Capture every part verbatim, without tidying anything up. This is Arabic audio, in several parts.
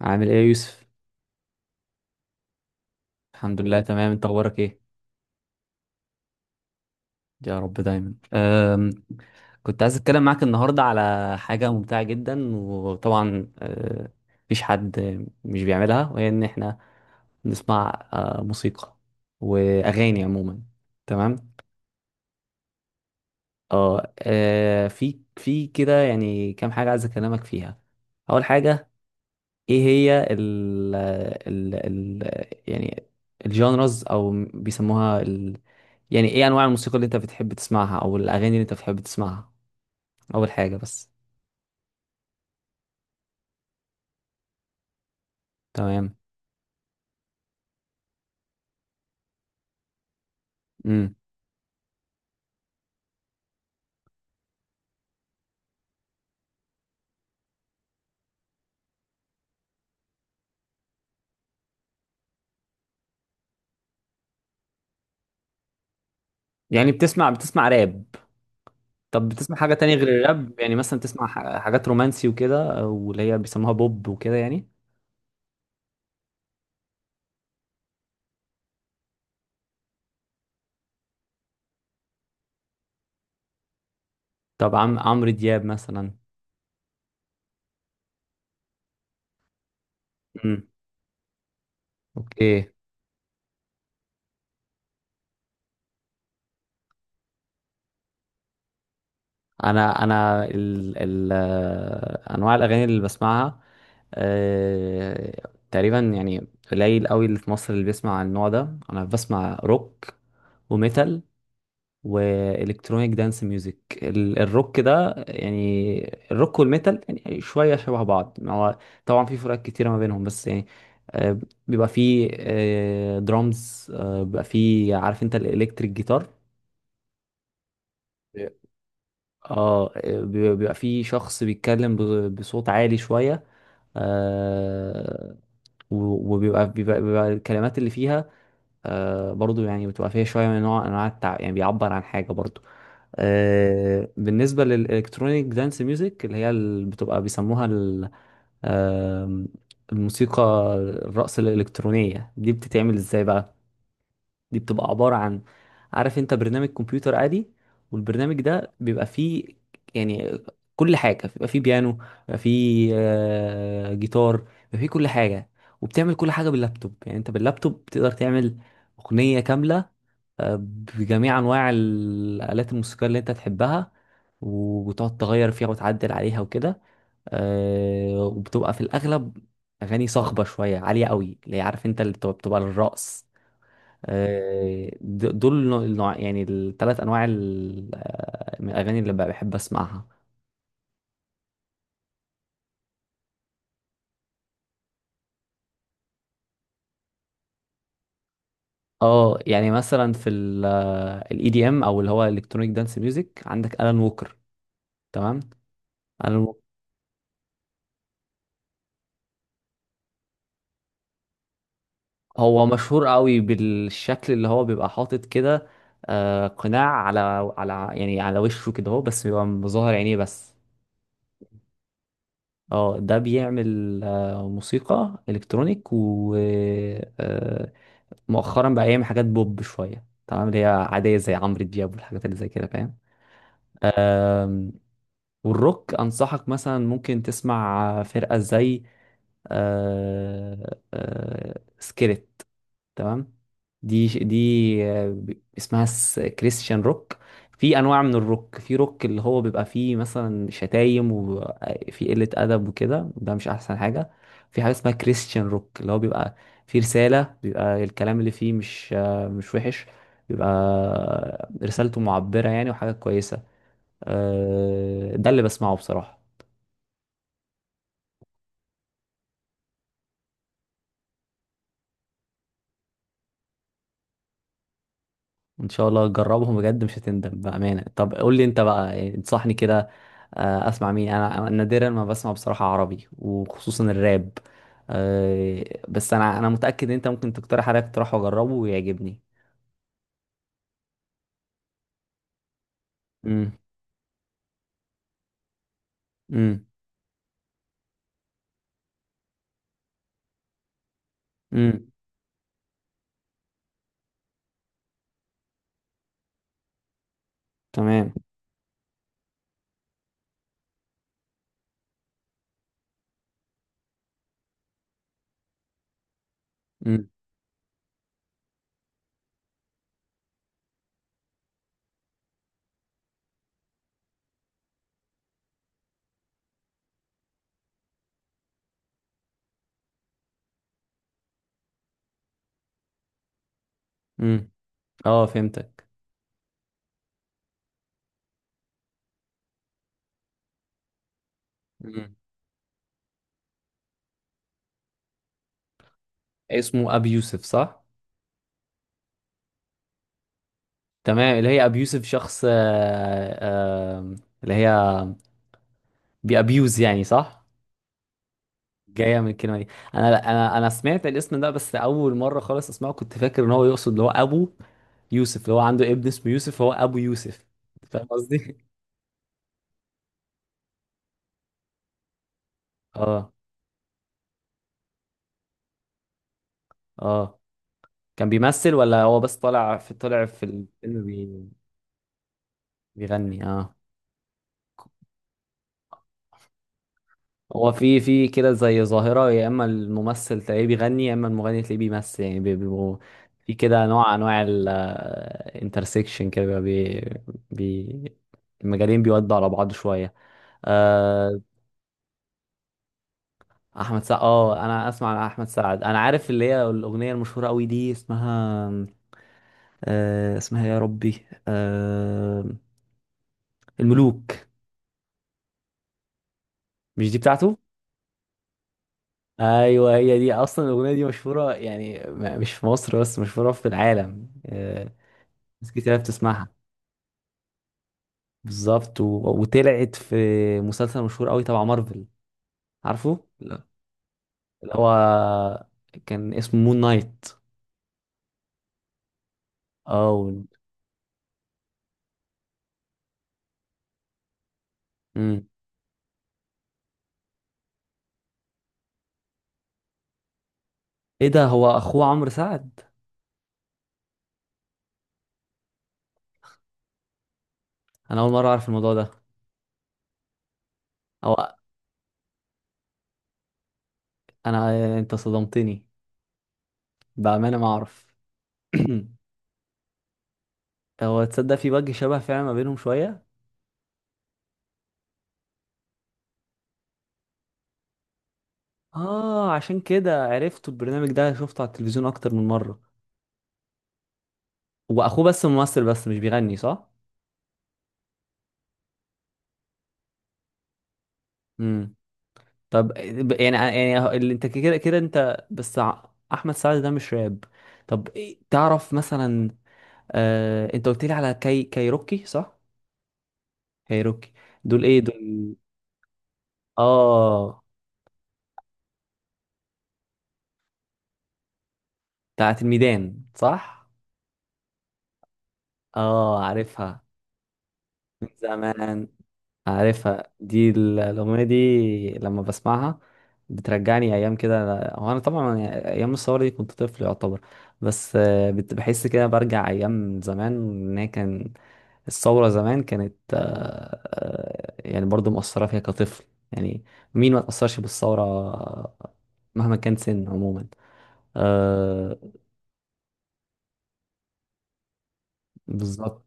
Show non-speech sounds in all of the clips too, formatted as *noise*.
عامل ايه يا يوسف؟ الحمد لله تمام. انت اخبارك ايه؟ يا رب دايما. أم كنت عايز اتكلم معاك النهارده على حاجه ممتعه جدا، وطبعا أه، مفيش حد مش بيعملها، وهي ان احنا نسمع أه، موسيقى واغاني عموما. تمام. اه أه، في في كده يعني كام حاجه عايز اكلمك فيها. اول حاجه، ايه هي ال ال ال يعني الجانرز او بيسموها، يعني ايه انواع الموسيقى اللي انت بتحب تسمعها، او الاغاني اللي انت بتحب تسمعها اول حاجه بس. تمام. امم يعني بتسمع بتسمع راب. طب بتسمع حاجه تانية غير الراب؟ يعني مثلا بتسمع ح- حاجات رومانسي وكده، او اللي هي بيسموها بوب وكده يعني. طب عم عمرو دياب مثلا؟ امم اوكي. انا انا ال ال آه، انواع الاغاني اللي بسمعها، أه تقريبا يعني قليل قوي اللي في مصر اللي بيسمع النوع ده. انا بسمع روك وميتال والكترونيك دانس ميوزك. ال- الروك ده يعني، الروك والميتال يعني شويه شبه بعض، ما هو طبعا في فروقات كتيره ما بينهم بس يعني آه، بيبقى فيه درامز، بيبقى فيه عارف انت الالكتريك جيتار. اه، بي- بيبقى في شخص بيتكلم ب- بصوت عالي شوية. آه و- وبيبقى بيبقى, بيبقى الكلمات اللي فيها آه برضو، يعني بتبقى فيها شوية من نوع أنواع التع... يعني بيعبر عن حاجة برضو. آه بالنسبة للإلكترونيك دانس ميوزك اللي هي اللي بتبقى بيسموها ال... آه الموسيقى الرقص الإلكترونية دي بتتعمل إزاي بقى؟ دي بتبقى عبارة عن، عارف انت، برنامج كمبيوتر عادي، والبرنامج ده بيبقى فيه يعني كل حاجة. بيبقى فيه بيانو، بيبقى فيه آه، جيتار، بيبقى فيه كل حاجة. وبتعمل كل حاجة باللابتوب. يعني انت باللابتوب بتقدر تعمل أغنية كاملة آه، بجميع أنواع الآلات الموسيقية اللي انت تحبها، وبتقعد تغير فيها وتعدل عليها وكده. آه، وبتبقى في الأغلب أغاني صاخبة شوية عالية قوي، اللي هي عارف انت اللي بتبقى بتبقى للرقص. آه، د- دول النوع النوع- يعني الثلاث انواع ال- آه، من الاغاني اللي بقى بحب اسمعها. اه، يعني مثلا في الاي دي ام، او اللي هو الكترونيك دانس ميوزك، عندك الان ووكر. تمام. الان ووكر هو مشهور قوي بالشكل اللي هو بيبقى حاطط كده آه، قناع على على يعني على وشه كده اهو، بس بيبقى مظهر عينيه بس. اه، ده بيعمل آه، موسيقى الكترونيك و آه، مؤخرا بقى يعمل حاجات بوب شويه، تمام، اللي هي عاديه زي عمرو دياب والحاجات اللي زي كده، فاهم. آم، والروك انصحك مثلا ممكن تسمع فرقه زي آه، آه، سكيلت. تمام. دي دي آه، ب- اسمها س- كريستيان روك. في انواع من الروك، في روك اللي هو بيبقى فيه مثلا شتايم وفي قلة ادب وكده، ده مش احسن حاجة. في حاجة اسمها كريستيان روك اللي هو بيبقى فيه رسالة، بيبقى الكلام اللي فيه مش آه، مش وحش، بيبقى رسالته معبرة يعني وحاجة كويسة. آه، ده اللي بسمعه بصراحة. ان شاء الله جربهم بجد مش هتندم بامانه. طب قول لي انت بقى إيه، انصحني كده آه، اسمع مين. انا أنا نادرا ما بسمع بصراحه عربي، وخصوصا الراب. آه، بس انا انا متاكد ان انت ممكن تقترح عليا اقتراح واجربه ويعجبني. امم امم امم تمام. امم امم اه فهمتك. امم اسمه ابي يوسف صح؟ تمام، اللي هي ابي يوسف شخص آه، آه، اللي هي بيابيوز يعني، صح. جايه من الكلمه دي. انا انا انا سمعت الاسم ده بس اول مره خالص اسمعه، كنت فاكر ان هو يقصد اللي هو ابو يوسف، اللي هو عنده ابن اسمه يوسف، هو ابو يوسف، فاهم قصدي. *laughs* اه. اه، كان بيمثل ولا هو بس طالع في، طلع في الفيلم؟ بي... بيغني، اه. هو في في كده زي ظاهره، يا اما الممثل تلاقيه بيغني، يا اما المغني تلاقيه بيمثل، يعني بي- بيبقوا في كده نوع انواع الانترسكشن كده، بي... بي... المجالين بيودوا على بعض شويه. آه احمد سعد، اه انا اسمع عن احمد سعد، انا عارف اللي هي الاغنيه المشهوره قوي دي اسمها آه اسمها يا ربي، آه الملوك. مش دي بتاعته؟ ايوه هي دي. اصلا الاغنيه دي مشهوره يعني، م- مش في مصر بس، مشهوره في العالم آه ناس كتير بتسمعها. بالظبط و... وطلعت في مسلسل مشهور قوي تبع مارفل، عارفه لا؟ اللي هو كان اسمه مون نايت. اه و- مم. ايه ده، هو اخوه عمرو سعد؟ انا اول مره اعرف الموضوع ده. هو انا انت صدمتني بامانه ما اعرف. *clears throat* هو تصدق في وجه شبه فعلا ما بينهم شويه. اه عشان كده عرفت البرنامج ده، شفته على التلفزيون اكتر من مره. واخوه بس ممثل بس مش بيغني صح؟ امم طب ب- يعني يعني اللي انت كده كده انت بس ع- احمد سعد ده مش راب. طب إيه- تعرف مثلا آه انت قلت لي على كاي كايروكي صح؟ كايروكي دول، ايه دول؟ اه، بتاعت الميدان صح. اه عارفها من زمان. عارفها دي ال- الأغنية دي لما بسمعها بترجعني أيام كده. هو أنا طبعا يعني أيام الثورة دي كنت طفل يعتبر، بس آه، بت- بحس كده برجع أيام زمان، إن هي كان الثورة زمان كانت آه، آه، يعني برضو مؤثرة فيها كطفل. يعني مين ما تأثرش بالثورة آه، مهما كان سن، عموما آه بالظبط.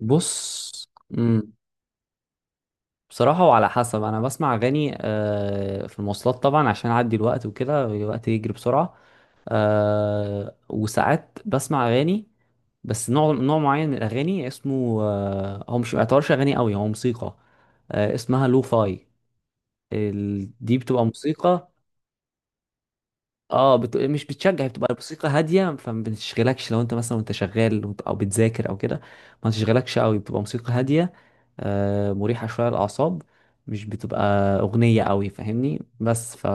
بص، بصراحة وعلى حسب. أنا بسمع أغاني آه، في المواصلات طبعا عشان أعدي الوقت وكده، الوقت يجري بسرعة. آه، وساعات بسمع أغاني بس نوع نوع معين من الأغاني، اسمه آه، هو مش، ما يعتبرش أغاني قوي، هو موسيقى آه، اسمها لو فاي. ال- دي بتبقى موسيقى. اه بت... مش بتشجع، بتبقى الموسيقى هاديه، فما بتشغلكش لو انت مثلا وانت شغال وانت- او بتذاكر او كده، ما تشغلكش قوي، بتبقى موسيقى هاديه آه مريحه شويه للاعصاب. مش بتبقى اغنيه قوي، فاهمني، بس ف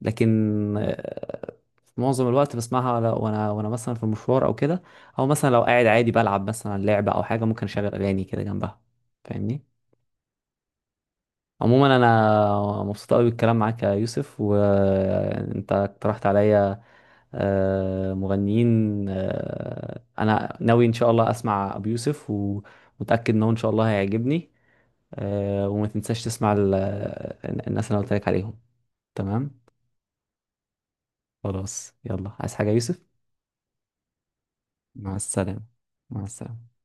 لكن آه في معظم الوقت بسمعها، ولا- وانا وانا مثلا في المشوار او كده، او مثلا لو قاعد عادي بلعب مثلا لعبه او حاجه، ممكن اشغل اغاني كده جنبها. فاهمني. عموما انا مبسوط قوي بالكلام معاك يا يوسف، وانت اقترحت عليا آه، مغنيين. آه، انا ناوي ان شاء الله اسمع ابو يوسف، ومتاكد انه ان شاء الله هيعجبني. آه، وما تنساش تسمع ال- الناس اللي أنا قلت لك عليهم. تمام. خلاص يلا، عايز حاجه يا يوسف؟ مع السلامه. مع السلامه.